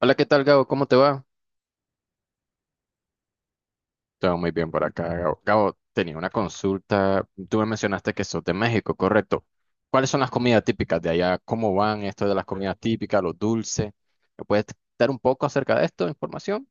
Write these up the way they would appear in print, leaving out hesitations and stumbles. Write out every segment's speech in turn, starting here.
Hola, ¿qué tal, Gabo? ¿Cómo te va? Todo muy bien por acá, Gabo. Gabo, tenía una consulta. Tú me mencionaste que sos de México, correcto. ¿Cuáles son las comidas típicas de allá? ¿Cómo van esto de las comidas típicas, los dulces? ¿Me puedes dar un poco acerca de esto, información?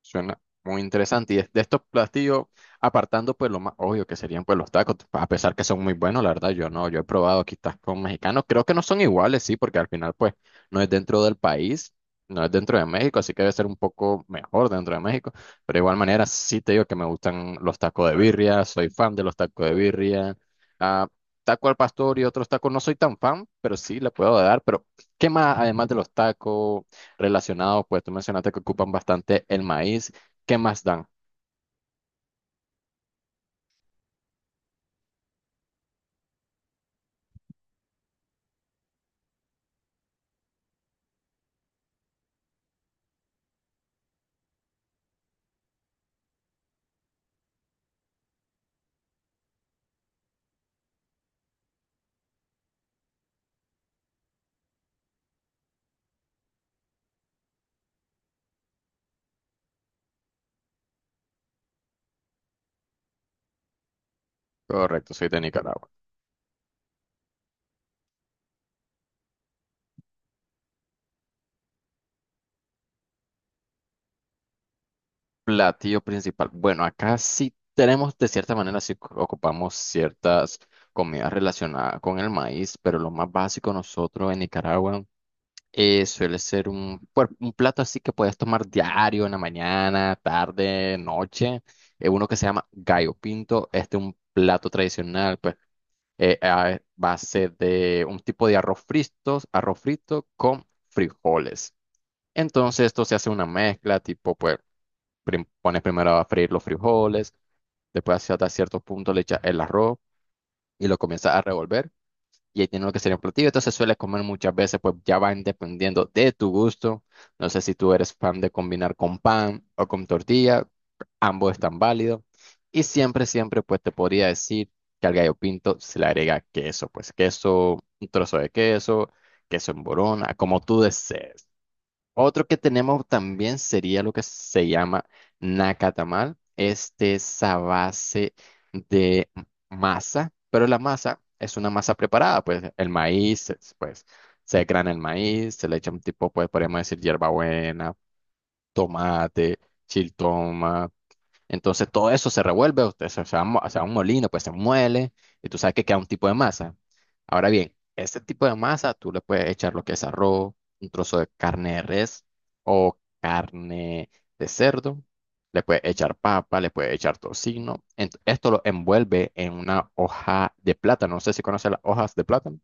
Suena muy interesante. Y de estos platillos, apartando pues lo más obvio que serían pues los tacos, a pesar que son muy buenos, la verdad, yo no, yo he probado quizás tacos mexicanos, creo que no son iguales, sí, porque al final pues no es dentro del país, no es dentro de México, así que debe ser un poco mejor dentro de México, pero de igual manera sí te digo que me gustan los tacos de birria, soy fan de los tacos de birria, ah, taco al pastor y otros tacos, no soy tan fan, pero sí le puedo dar, pero ¿qué más además de los tacos? Relacionado, pues tú mencionaste que ocupan bastante el maíz. ¿Qué más dan? Correcto, soy de Nicaragua. Platillo principal. Bueno, acá sí tenemos, de cierta manera, ocupamos ciertas comidas relacionadas con el maíz, pero lo más básico nosotros en Nicaragua suele ser un, pues, un plato así que puedes tomar diario, en la mañana, tarde, noche. Uno que se llama gallo pinto. Este es un plato tradicional, pues a base de un tipo de arroz frito con frijoles. Entonces esto se hace una mezcla, tipo, pues pones primero a freír los frijoles, después hasta cierto punto le echas el arroz y lo comienzas a revolver y ahí tiene lo que sería un platillo. Entonces suele comer muchas veces, pues ya van dependiendo de tu gusto. No sé si tú eres fan de combinar con pan o con tortilla, ambos están válidos. Y siempre, siempre, pues te podría decir que al gallo pinto se le agrega queso, pues queso, un trozo de queso, queso en borona, como tú desees. Otro que tenemos también sería lo que se llama nacatamal. Este es a base de masa, pero la masa es una masa preparada, pues el maíz, es, pues se grana el maíz, se le echa un tipo, pues podemos decir hierbabuena, tomate, chiltoma. Entonces todo eso se revuelve, usted se va, se va a un molino, pues se muele y tú sabes que queda un tipo de masa. Ahora bien, este tipo de masa tú le puedes echar lo que es arroz, un trozo de carne de res o carne de cerdo, le puedes echar papa, le puedes echar tocino. Esto lo envuelve en una hoja de plátano, no sé si conoces las hojas de plátano.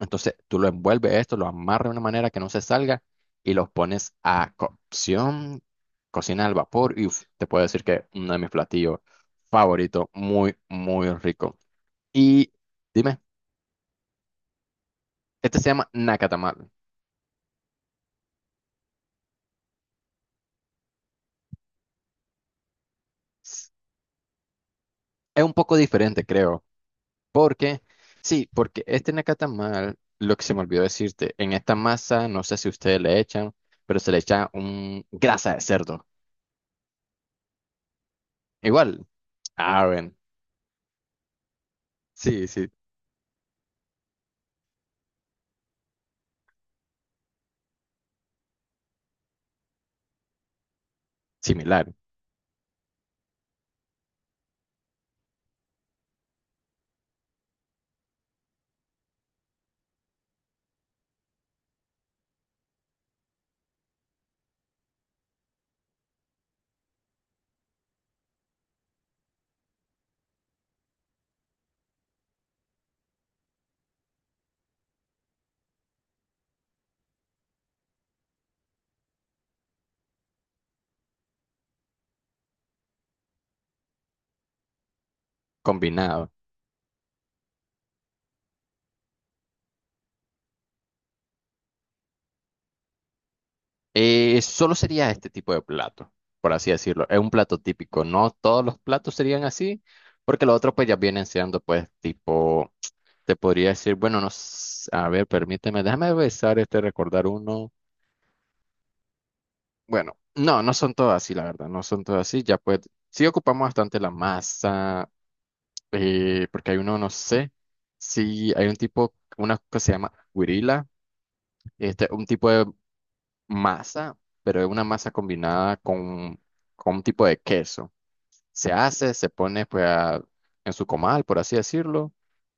Entonces tú lo envuelves esto, lo amarras de una manera que no se salga y los pones a cocción, cocina al vapor y uf, te puedo decir que uno de mis platillos favoritos, muy, muy rico. Y dime, este se llama nacatamal. S- Es un poco diferente, creo, porque, sí, porque este nacatamal, lo que se me olvidó decirte, en esta masa, no sé si ustedes le echan, pero se le echa un grasa de cerdo. Igual, ah, bueno, sí, sí, similar, combinado. Solo sería este tipo de plato, por así decirlo. Es un plato típico. No todos los platos serían así, porque los otros pues ya vienen siendo pues tipo, te podría decir, bueno, no, a ver, permíteme, déjame besar este, recordar uno. Bueno, no, no son todos así, la verdad, no son todos así. Ya pues, sí ocupamos bastante la masa, porque hay uno, no sé, si hay un tipo, una que se llama guirila, este, un tipo de masa, pero es una masa combinada con un tipo de queso. Se hace, se pone pues a- en su comal, por así decirlo,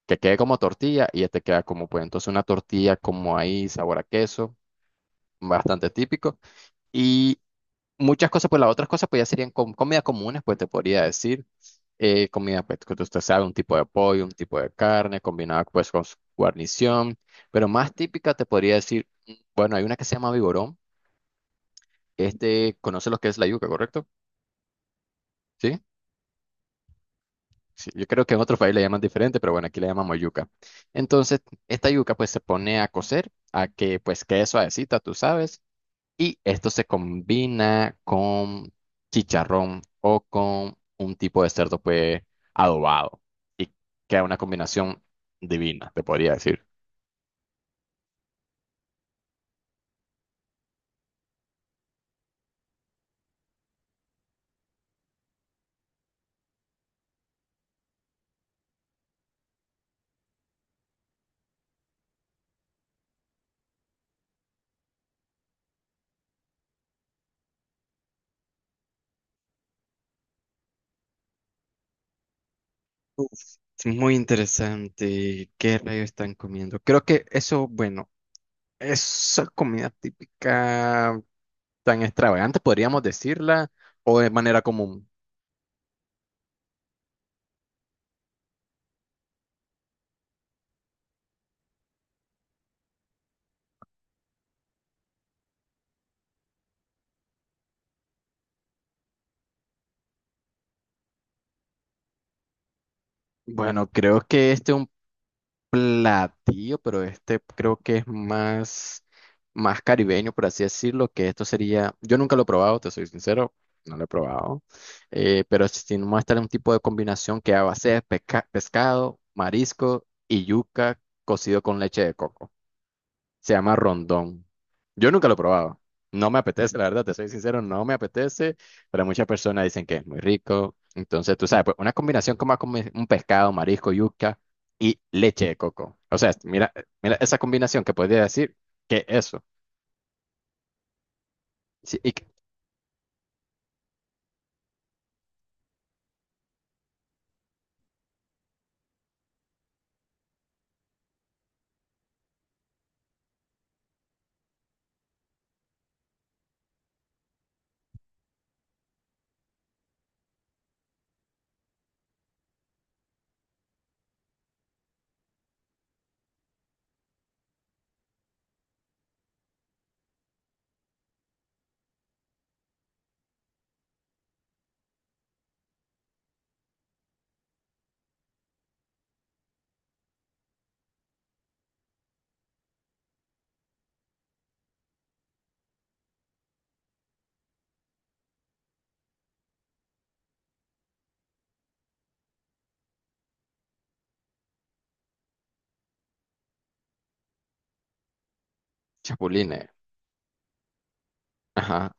que quede como tortilla y ya te queda como pues entonces una tortilla como ahí, sabor a queso, bastante típico. Y muchas cosas, pues las otras cosas pues ya serían comidas comunes, pues te podría decir. Comida pues que usted sabe, un tipo de pollo, un tipo de carne, combinada pues con su guarnición, pero más típica te podría decir, mm, bueno, hay una que se llama vigorón, este conoce lo que es la yuca, ¿correcto? ¿Sí? Sí, yo creo que en otros países le llaman diferente, pero bueno, aquí le llamamos yuca. Entonces, esta yuca pues se pone a cocer, a que pues quede suavecita, tú sabes, y esto se combina con chicharrón o con un tipo de cerdo pues adobado y queda una combinación divina, te podría decir. Uf, es muy interesante. ¿Qué rayos están comiendo? Creo que eso, bueno, es comida típica. Tan extravagante, podríamos decirla, o de manera común. Bueno, creo que este es un platillo, pero este creo que es más, más caribeño, por así decirlo, que esto sería, yo nunca lo he probado, te soy sincero, no lo he probado, pero si no muestra un tipo de combinación que a base de pescado, marisco y yuca cocido con leche de coco. Se llama rondón. Yo nunca lo he probado. No me apetece, la verdad, te soy sincero, no me apetece, pero muchas personas dicen que es muy rico. Entonces, tú sabes, pues una combinación como a comer un pescado, marisco, yuca y leche de coco. O sea, mira, mira esa combinación que podría decir que eso. Sí, chapulines. Ajá.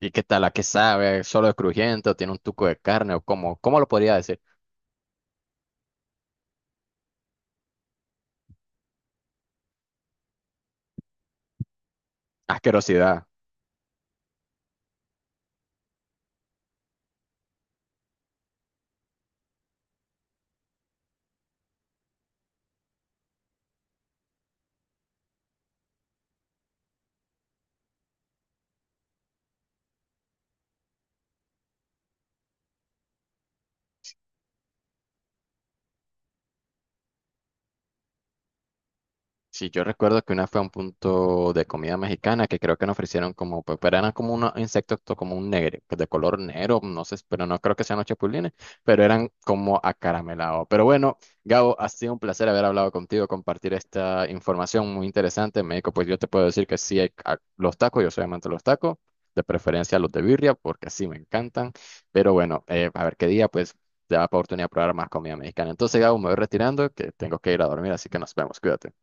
¿Y qué tal? ¿A qué sabe? ¿Solo es crujiente? ¿O tiene un tuco de carne? ¿O cómo? ¿Cómo lo podría decir? Asquerosidad. Sí, yo recuerdo que una fue a un punto de comida mexicana que creo que nos ofrecieron como, pues, pero eran como unos insectos como un negro, pues de color negro, no sé, pero no creo que sean los chapulines, pero eran como acaramelados. Pero bueno, Gabo, ha sido un placer haber hablado contigo, compartir esta información muy interesante. México, pues yo te puedo decir que sí hay los tacos, yo soy amante de los tacos, de preferencia los de birria, porque sí me encantan. Pero bueno, a ver qué día, pues, te da oportunidad de probar más comida mexicana. Entonces, Gabo, me voy retirando, que tengo que ir a dormir, así que nos vemos, cuídate.